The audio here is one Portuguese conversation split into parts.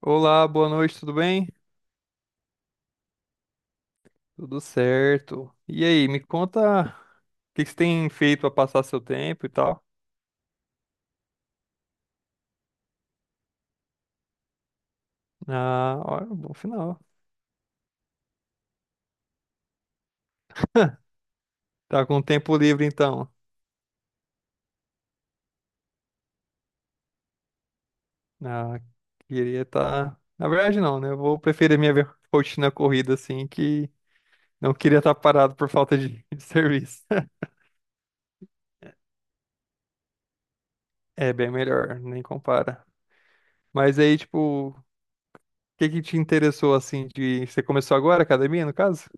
Olá, boa noite, tudo bem? Tudo certo. E aí, me conta o que que você tem feito para passar seu tempo e tal? Ah, olha, bom final. Tá com tempo livre então. Ah, queria estar. Na verdade, não, né? Eu vou preferir minha rotina corrida assim, que não queria estar parado por falta de, de serviço. É bem melhor, nem compara. Mas aí, tipo, o que que te interessou assim de. Você começou agora a academia, no caso?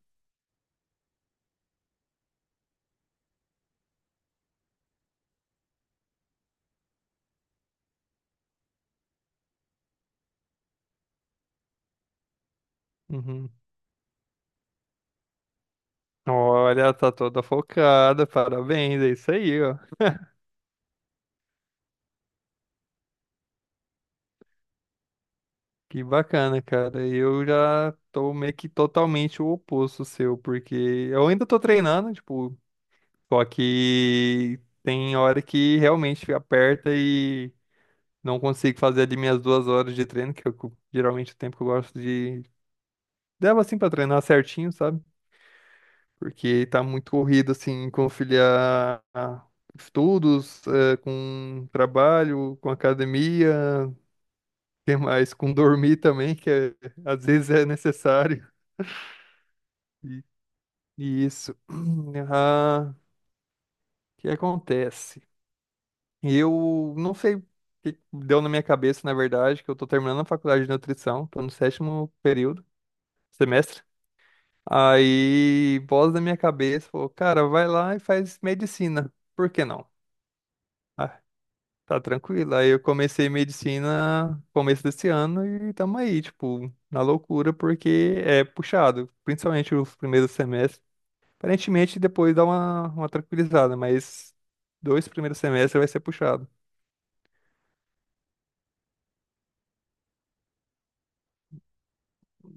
Uhum. Olha, tá toda focada, parabéns, é isso aí, ó. Que bacana, cara. Eu já tô meio que totalmente o oposto seu, porque eu ainda tô treinando, tipo, só que tem hora que realmente aperta e não consigo fazer ali minhas 2 horas de treino, que é o que geralmente o tempo que eu gosto de. Devo assim pra treinar certinho, sabe? Porque tá muito corrido, assim, conciliar estudos, com trabalho, com academia. Que mais? Com dormir também, às vezes é necessário. E, e isso. Ah, o que acontece? Eu não sei o que deu na minha cabeça, na verdade, que eu tô terminando a faculdade de nutrição, tô no sétimo período, semestre. Aí, voz da minha cabeça falou, cara, vai lá e faz medicina. Por que não? Ah, tá tranquilo. Aí eu comecei medicina começo desse ano e tamo aí, tipo, na loucura, porque é puxado, principalmente os primeiros semestres. Aparentemente depois dá uma tranquilizada, mas dois primeiros semestres vai ser puxado.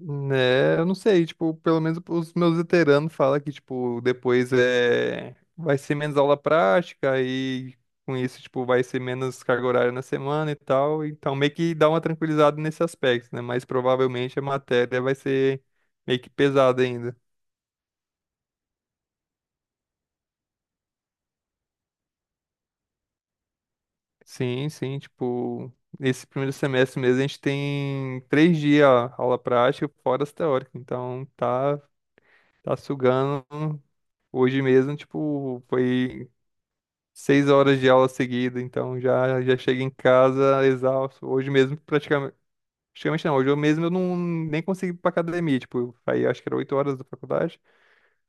Né, eu não sei, tipo, pelo menos os meus veteranos falam que, tipo, depois vai ser menos aula prática e com isso, tipo, vai ser menos carga horária na semana e tal. Então, meio que dá uma tranquilizada nesse aspecto, né? Mas provavelmente a matéria vai ser meio que pesada ainda. Sim, sim, tipo, nesse primeiro semestre mesmo a gente tem 3 dias aula prática, fora as teóricas. Então, tá sugando. Hoje mesmo, tipo, foi. 6 horas de aula seguida, então já chego em casa exausto. Hoje mesmo, praticamente, praticamente não, hoje eu mesmo eu não nem consegui ir pra academia, tipo, aí acho que era 8 horas da faculdade.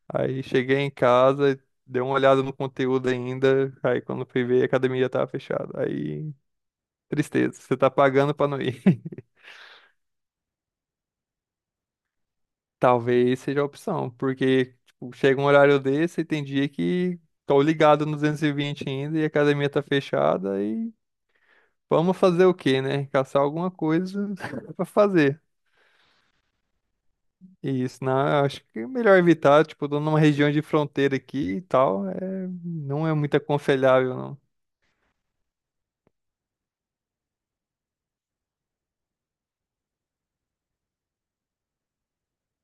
Aí cheguei em casa, dei uma olhada no conteúdo ainda, aí quando fui ver a academia já tava fechada. Aí, tristeza, você tá pagando pra não ir. Talvez seja a opção, porque tipo, chega um horário desse e tem dia que tô ligado no 220 ainda e a academia tá fechada e vamos fazer o quê, né? Caçar alguma coisa pra fazer. E isso, não, eu acho que é melhor evitar, tipo, tô numa região de fronteira aqui e tal, não é muito aconselhável, não.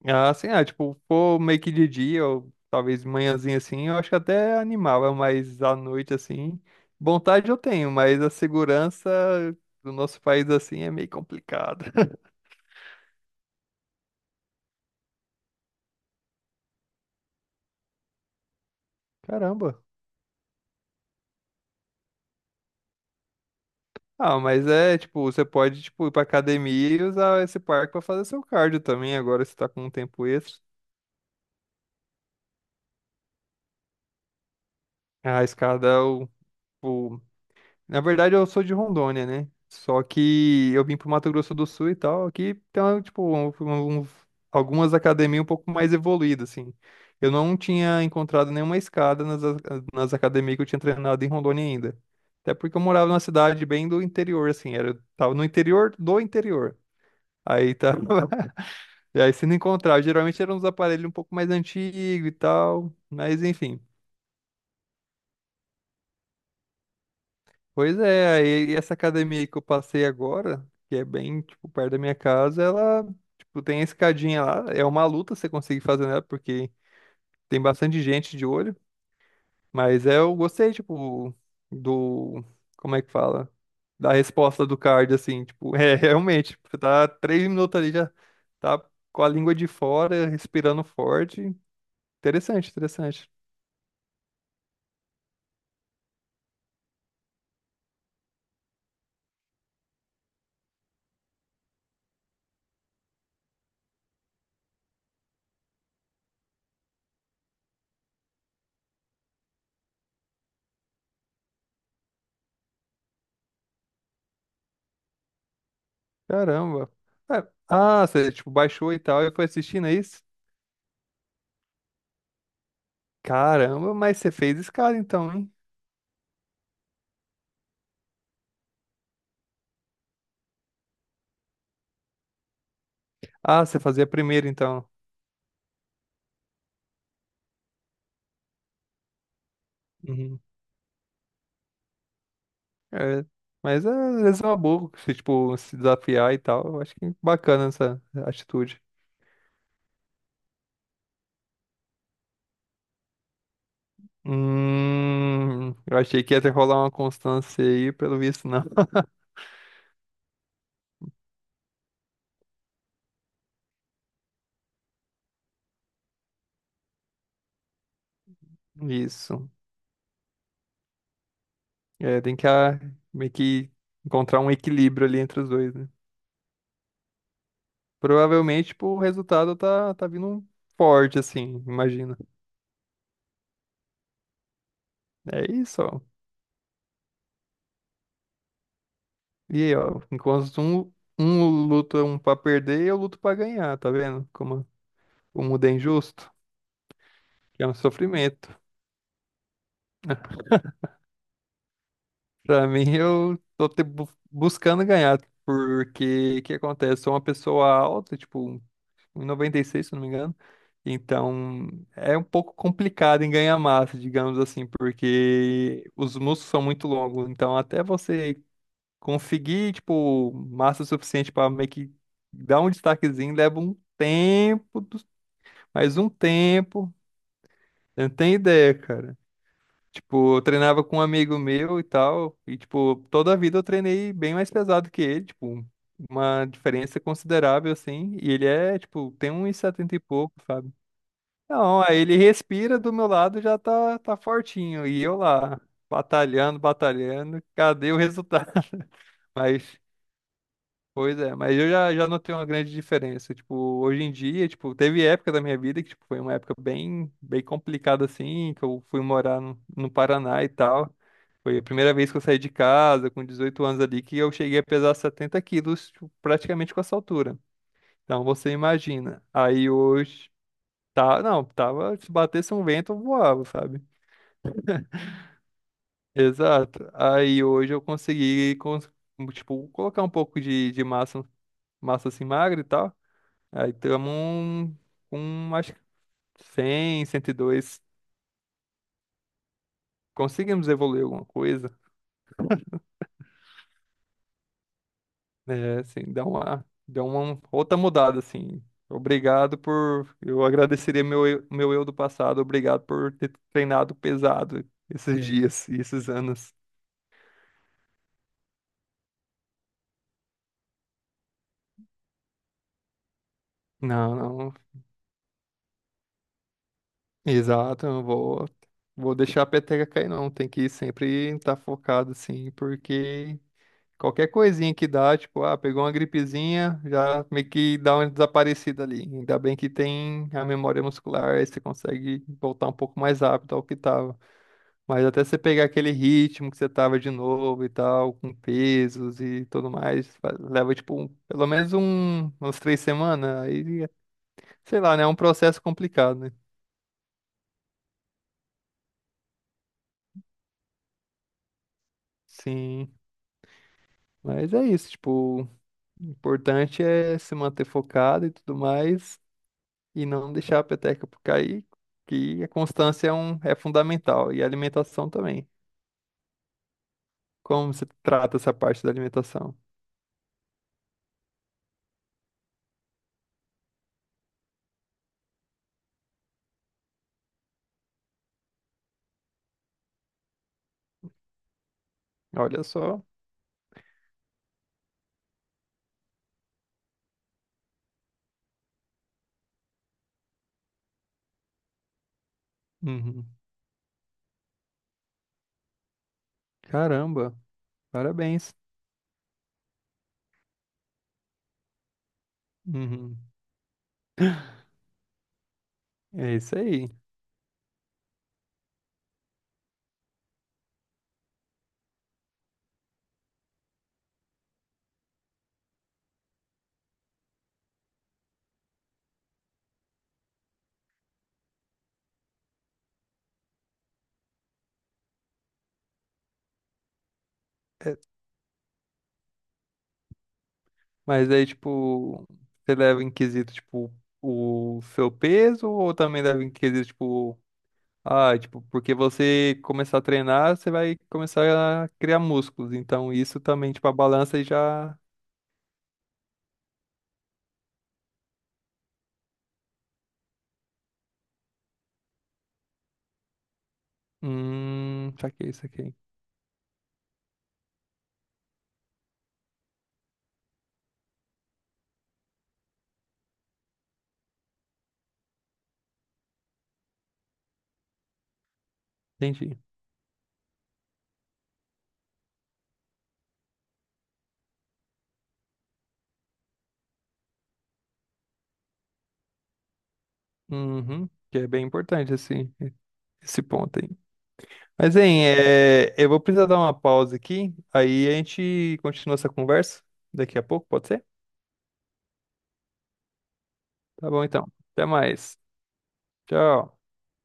Ah, assim, tipo, pô, meio que de dia, ou talvez manhãzinha assim, eu acho que até animava, mas à noite, assim, vontade eu tenho, mas a segurança do nosso país, assim, é meio complicada. Caramba. Ah, mas é, tipo, você pode, tipo, ir pra academia e usar esse parque pra fazer seu cardio também, agora você tá com um tempo extra. A escada, eu, o... na verdade, eu sou de Rondônia, né? Só que eu vim pro Mato Grosso do Sul e tal, aqui tem, uma, tipo, algumas academias um pouco mais evoluídas, assim. Eu não tinha encontrado nenhuma escada nas academias que eu tinha treinado em Rondônia ainda. Até porque eu morava numa cidade bem do interior, assim, tava no interior do interior. Aí tá. E aí, se não encontrava, geralmente eram uns aparelhos um pouco mais antigos e tal. Mas enfim. Pois é, aí essa academia aí que eu passei agora, que é bem, tipo, perto da minha casa, ela, tipo, tem a escadinha lá. É uma luta você conseguir fazer nela, porque tem bastante gente de olho. Mas é, eu gostei, tipo, do. Como é que fala? Da resposta do card, assim, tipo, é realmente, tipo, você tá 3 minutos ali já tá com a língua de fora, respirando forte. Interessante, interessante. Caramba. É, ah, você, tipo, baixou e tal e foi assistindo, é isso? Caramba, mas você fez escala então, hein? Ah, você fazia primeiro então. Uhum. É, mas é, às vezes é uma boa, você, tipo, se desafiar e tal. Eu acho que é bacana essa atitude. Eu achei que ia ter que rolar uma constância aí, pelo visto, não. Isso. É, tem que meio que encontrar um equilíbrio ali entre os dois, né? Provavelmente, tipo, o resultado tá vindo forte, assim, imagino. É isso, ó. E aí, ó, enquanto um, luta um pra perder, eu luto pra ganhar, tá vendo? Como o mundo é injusto, que é um sofrimento. Pra mim, eu tô buscando ganhar, porque o que acontece? Sou uma pessoa alta, tipo, 1,96, se não me engano. Então, é um pouco complicado em ganhar massa, digamos assim, porque os músculos são muito longos. Então, até você conseguir, tipo, massa suficiente para meio que dar um destaquezinho leva um tempo, mais um tempo. Eu não tenho ideia, cara. Tipo, eu treinava com um amigo meu e tal, e, tipo, toda a vida eu treinei bem mais pesado que ele, tipo, uma diferença considerável, assim, e ele é, tipo, tem uns 70 e pouco, sabe? Não, aí ele respira do meu lado já tá fortinho, e eu lá, batalhando, batalhando, cadê o resultado? Mas Pois é, mas eu já notei uma grande diferença. Tipo, hoje em dia, tipo, teve época da minha vida que tipo, foi uma época bem, bem complicada, assim, que eu fui morar no Paraná e tal. Foi a primeira vez que eu saí de casa, com 18 anos ali, que eu cheguei a pesar 70 quilos, tipo, praticamente com essa altura. Então, você imagina. Aí hoje, tá, não, tava, se batesse um vento, eu voava, sabe? Exato. Aí hoje eu consegui, tipo, colocar um pouco de massa assim magra e tal. Aí estamos com acho que 100, 102. Conseguimos evoluir alguma coisa, né? Assim, dá uma, deu uma outra mudada, assim. Obrigado por. Eu agradeceria meu eu do passado, obrigado por ter treinado pesado esses Sim. dias e esses anos. Não, não. Exato, eu não vou deixar a peteca cair, não. Tem que sempre estar focado, assim, porque. Qualquer coisinha que dá, tipo, pegou uma gripezinha, já meio que dá uma desaparecida ali. Ainda bem que tem a memória muscular, aí você consegue voltar um pouco mais rápido ao que tava. Mas até você pegar aquele ritmo que você tava de novo e tal, com pesos e tudo mais, leva, tipo, pelo menos um, umas 3 semanas. Aí, sei lá, né? É um processo complicado, né? Sim, mas é isso, tipo, o importante é se manter focado e tudo mais. E não deixar a peteca por cair, que a constância é fundamental e a alimentação também. Como você trata essa parte da alimentação? Olha só. Uhum. Caramba, parabéns. Uhum. É isso aí. É, mas aí, tipo, você leva em quesito, tipo, o seu peso ou também leva em quesito, tipo, tipo, porque você começar a treinar, você vai começar a criar músculos. Então, isso também, tipo, a balança já. Saquei, saquei. Entendi. Uhum, que é bem importante assim, esse ponto aí. Mas, hein, eu vou precisar dar uma pausa aqui, aí a gente continua essa conversa daqui a pouco, pode ser? Tá bom, então. Até mais. Tchau.